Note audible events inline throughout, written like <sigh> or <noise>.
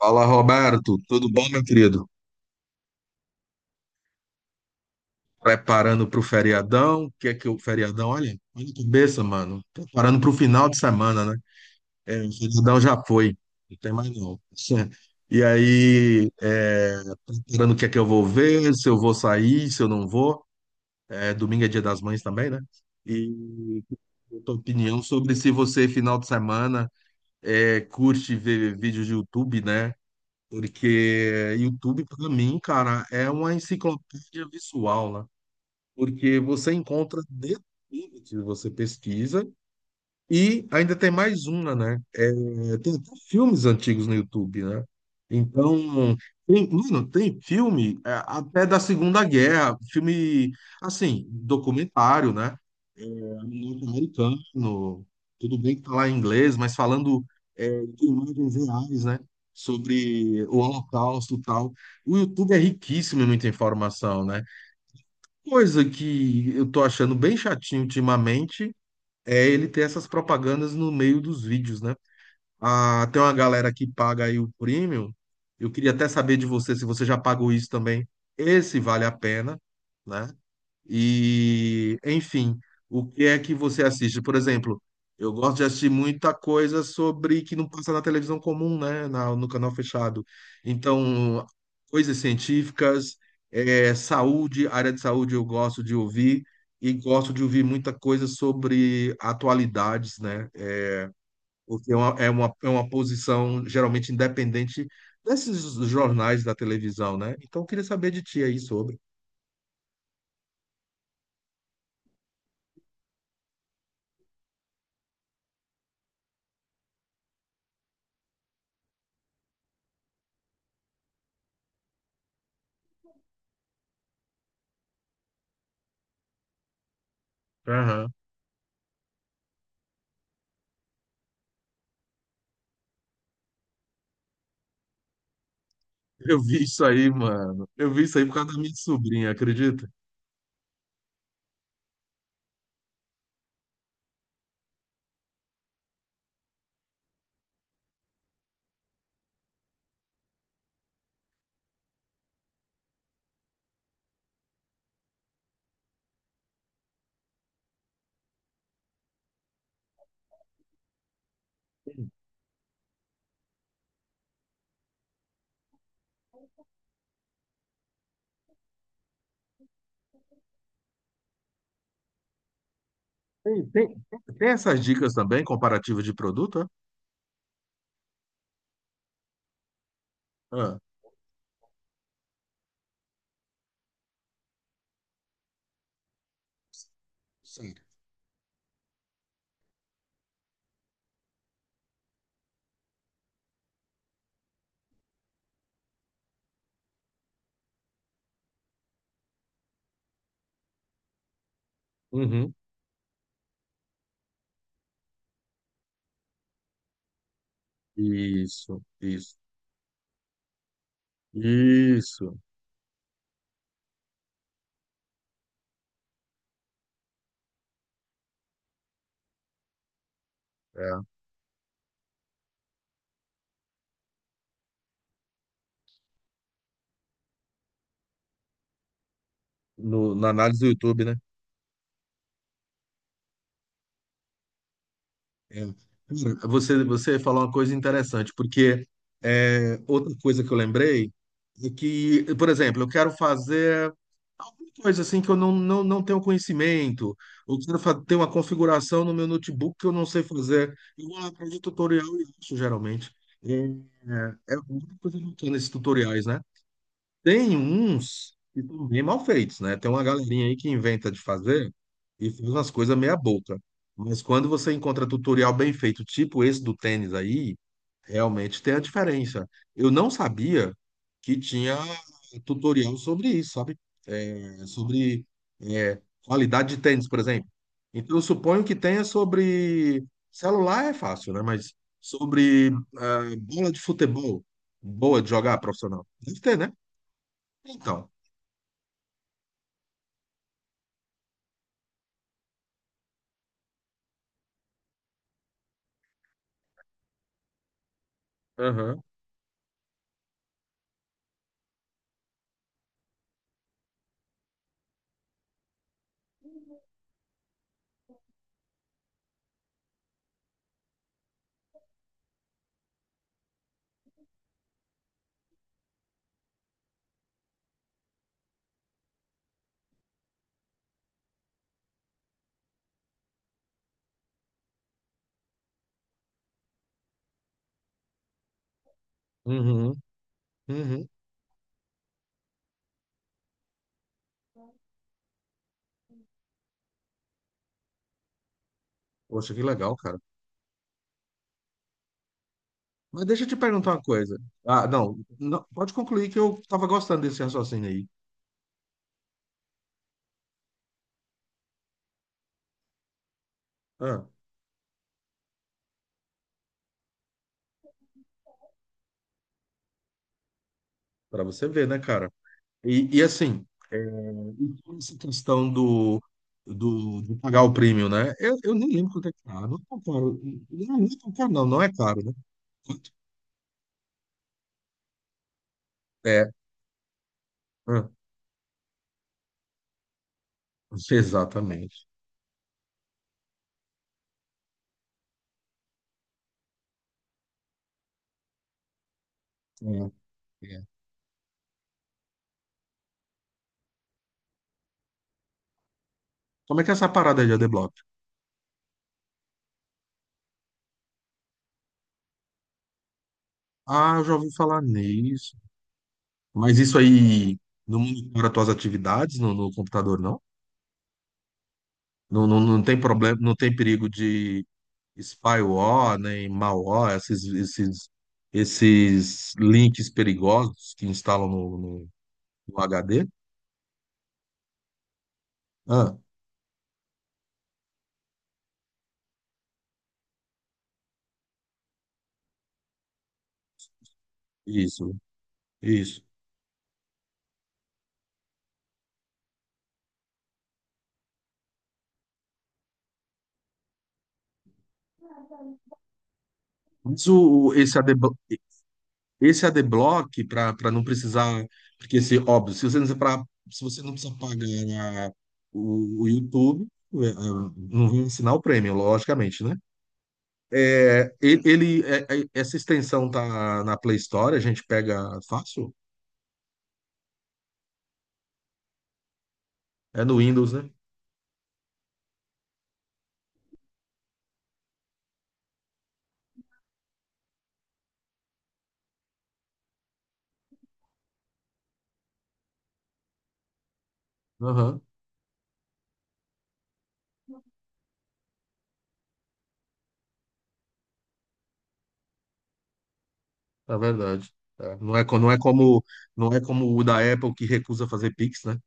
Fala, Roberto. Tudo bom, meu querido? Preparando para o feriadão? O que é que o feriadão? Olha, olha que cabeça, mano. Preparando para o final de semana, né? É, o feriadão já foi. Não tem mais não. <laughs> E aí, preparando o que é que eu vou ver, se eu vou sair, se eu não vou. É, domingo é Dia das Mães também, né? E a tua opinião sobre se você, final de semana, curte ver vídeos de YouTube, né? Porque YouTube, para mim, cara, é uma enciclopédia visual, né? Porque você encontra de tudo que você pesquisa e ainda tem mais uma, né? É, tem até filmes antigos no YouTube, né? Então, tem, mano, tem filme até da Segunda Guerra, filme, assim, documentário, né? Norte-americano, tudo bem que tá lá em inglês, mas falando de imagens reais, né? Sobre o Holocausto e tal. O YouTube é riquíssimo em muita informação, né? Coisa que eu tô achando bem chatinho ultimamente é ele ter essas propagandas no meio dos vídeos, né? Ah, tem uma galera que paga aí o premium. Eu queria até saber de você se você já pagou isso também. Esse vale a pena, né? E, enfim, o que é que você assiste? Por exemplo, eu gosto de assistir muita coisa sobre que não passa na televisão comum, né? No canal fechado. Então, coisas científicas, saúde, área de saúde eu gosto de ouvir e gosto de ouvir muita coisa sobre atualidades, né? Porque é uma posição geralmente independente desses jornais da televisão, né? Então, eu queria saber de ti aí sobre. Eu vi isso aí, mano. Eu vi isso aí por causa da minha sobrinha, acredita? Tem, tem, tem essas dicas também, comparativa de produto? É? Ah, sim. Uhum. Isso, isso, isso. É. No, na análise do YouTube, né? É. Cara, você falou uma coisa interessante, porque outra coisa que eu lembrei é que, por exemplo, eu quero fazer. Coisa assim que eu não tenho conhecimento, ou ter uma configuração no meu notebook que eu não sei fazer. Eu vou lá atrás de tutorial e acho, geralmente. É, é muita coisa bacana esses tutoriais, né? Tem uns que são bem mal feitos, né? Tem uma galerinha aí que inventa de fazer e faz umas coisas meia boca. Mas quando você encontra tutorial bem feito, tipo esse do tênis aí, realmente tem a diferença. Eu não sabia que tinha tutorial sobre isso, sabe? É, sobre é, qualidade de tênis, por exemplo. Então, eu suponho que tenha sobre. Celular é fácil, né? Mas sobre ah, bola de futebol, boa de jogar profissional. Deve ter, né? Então. Aham. Uhum. Uhum. Poxa, que legal, cara. Mas deixa eu te perguntar uma coisa. Ah, não, não. Pode concluir que eu tava gostando desse raciocínio aí. Ah, para você ver, né, cara? E assim, essa questão de pagar o prêmio, né? Eu nem lembro quanto é caro. Não é tão caro. Não, não é tão caro, não. Não é caro, né? Quanto é. Ah, exatamente. É, é. Como é que é essa parada aí de adblock? Ah, eu já ouvi falar nisso. Mas isso aí não monitora tuas atividades no, no computador, não? Não, não? Não tem problema, não tem perigo de spyware, nem malware, esses, esses, esses links perigosos que instalam no, o HD? Ah, isso, isso. Mas esse esse AD Block, para para não precisar. Porque, se, óbvio, se você não precisa, se você não precisa o YouTube, é, é, não vai assinar o Premium, logicamente, né? É, essa extensão tá na Play Store, a gente pega fácil? É no Windows, né? Aham, é verdade. É, não é como, não é como o da Apple que recusa fazer Pix, né?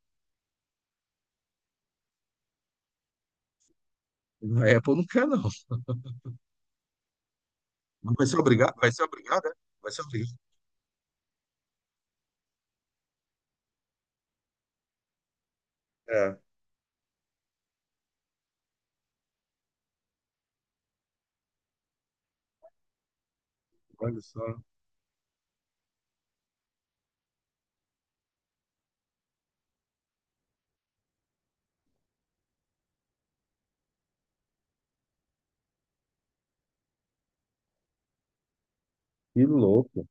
O da Apple não quer, não. Não vai ser obrigado? Vai ser obrigado, é? Vai ser obrigado. É, olha só. Que louco.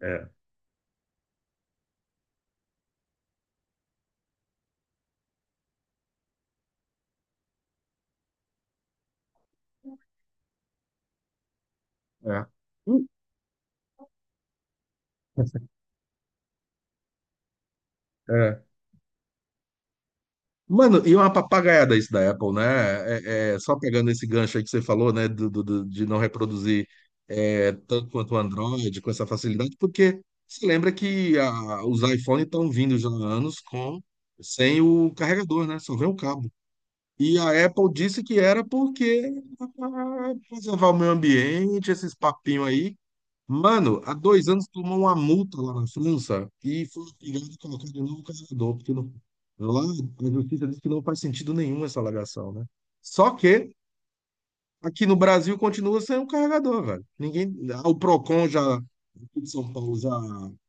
É, é. Hum, É. Mano, e uma papagaiada isso da Apple, né? É, é, só pegando esse gancho aí que você falou, né? De não reproduzir tanto quanto o Android, com essa facilidade, porque se lembra que os iPhones estão vindo já há anos com, sem o carregador, né? Só vem o cabo. E a Apple disse que era porque preservar o meio ambiente, esses papinhos aí. Mano, há dois anos tomou uma multa lá na França e foi obrigado a colocar de novo o carregador, porque lá a justiça diz que não faz sentido nenhum essa alegação, né? Só que aqui no Brasil continua sem o carregador, velho. Ninguém, ah, o Procon já, aqui de São Paulo já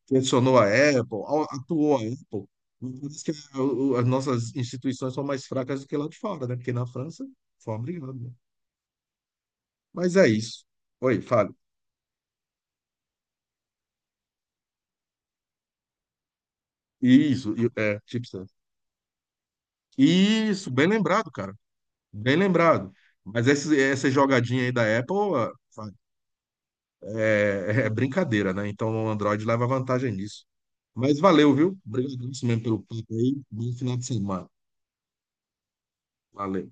pressionou a Apple, atuou a Apple. Mas parece que as nossas instituições são mais fracas do que lá de fora, né? Porque na França foi obrigado, né? Mas é isso. Oi, Fábio. Isso, é, chips. Isso, bem lembrado, cara. Bem lembrado. Mas essa jogadinha aí da Apple é brincadeira, né? Então o Android leva vantagem nisso. Mas valeu, viu? Obrigado mesmo pelo papo aí. Bom final de semana. Valeu.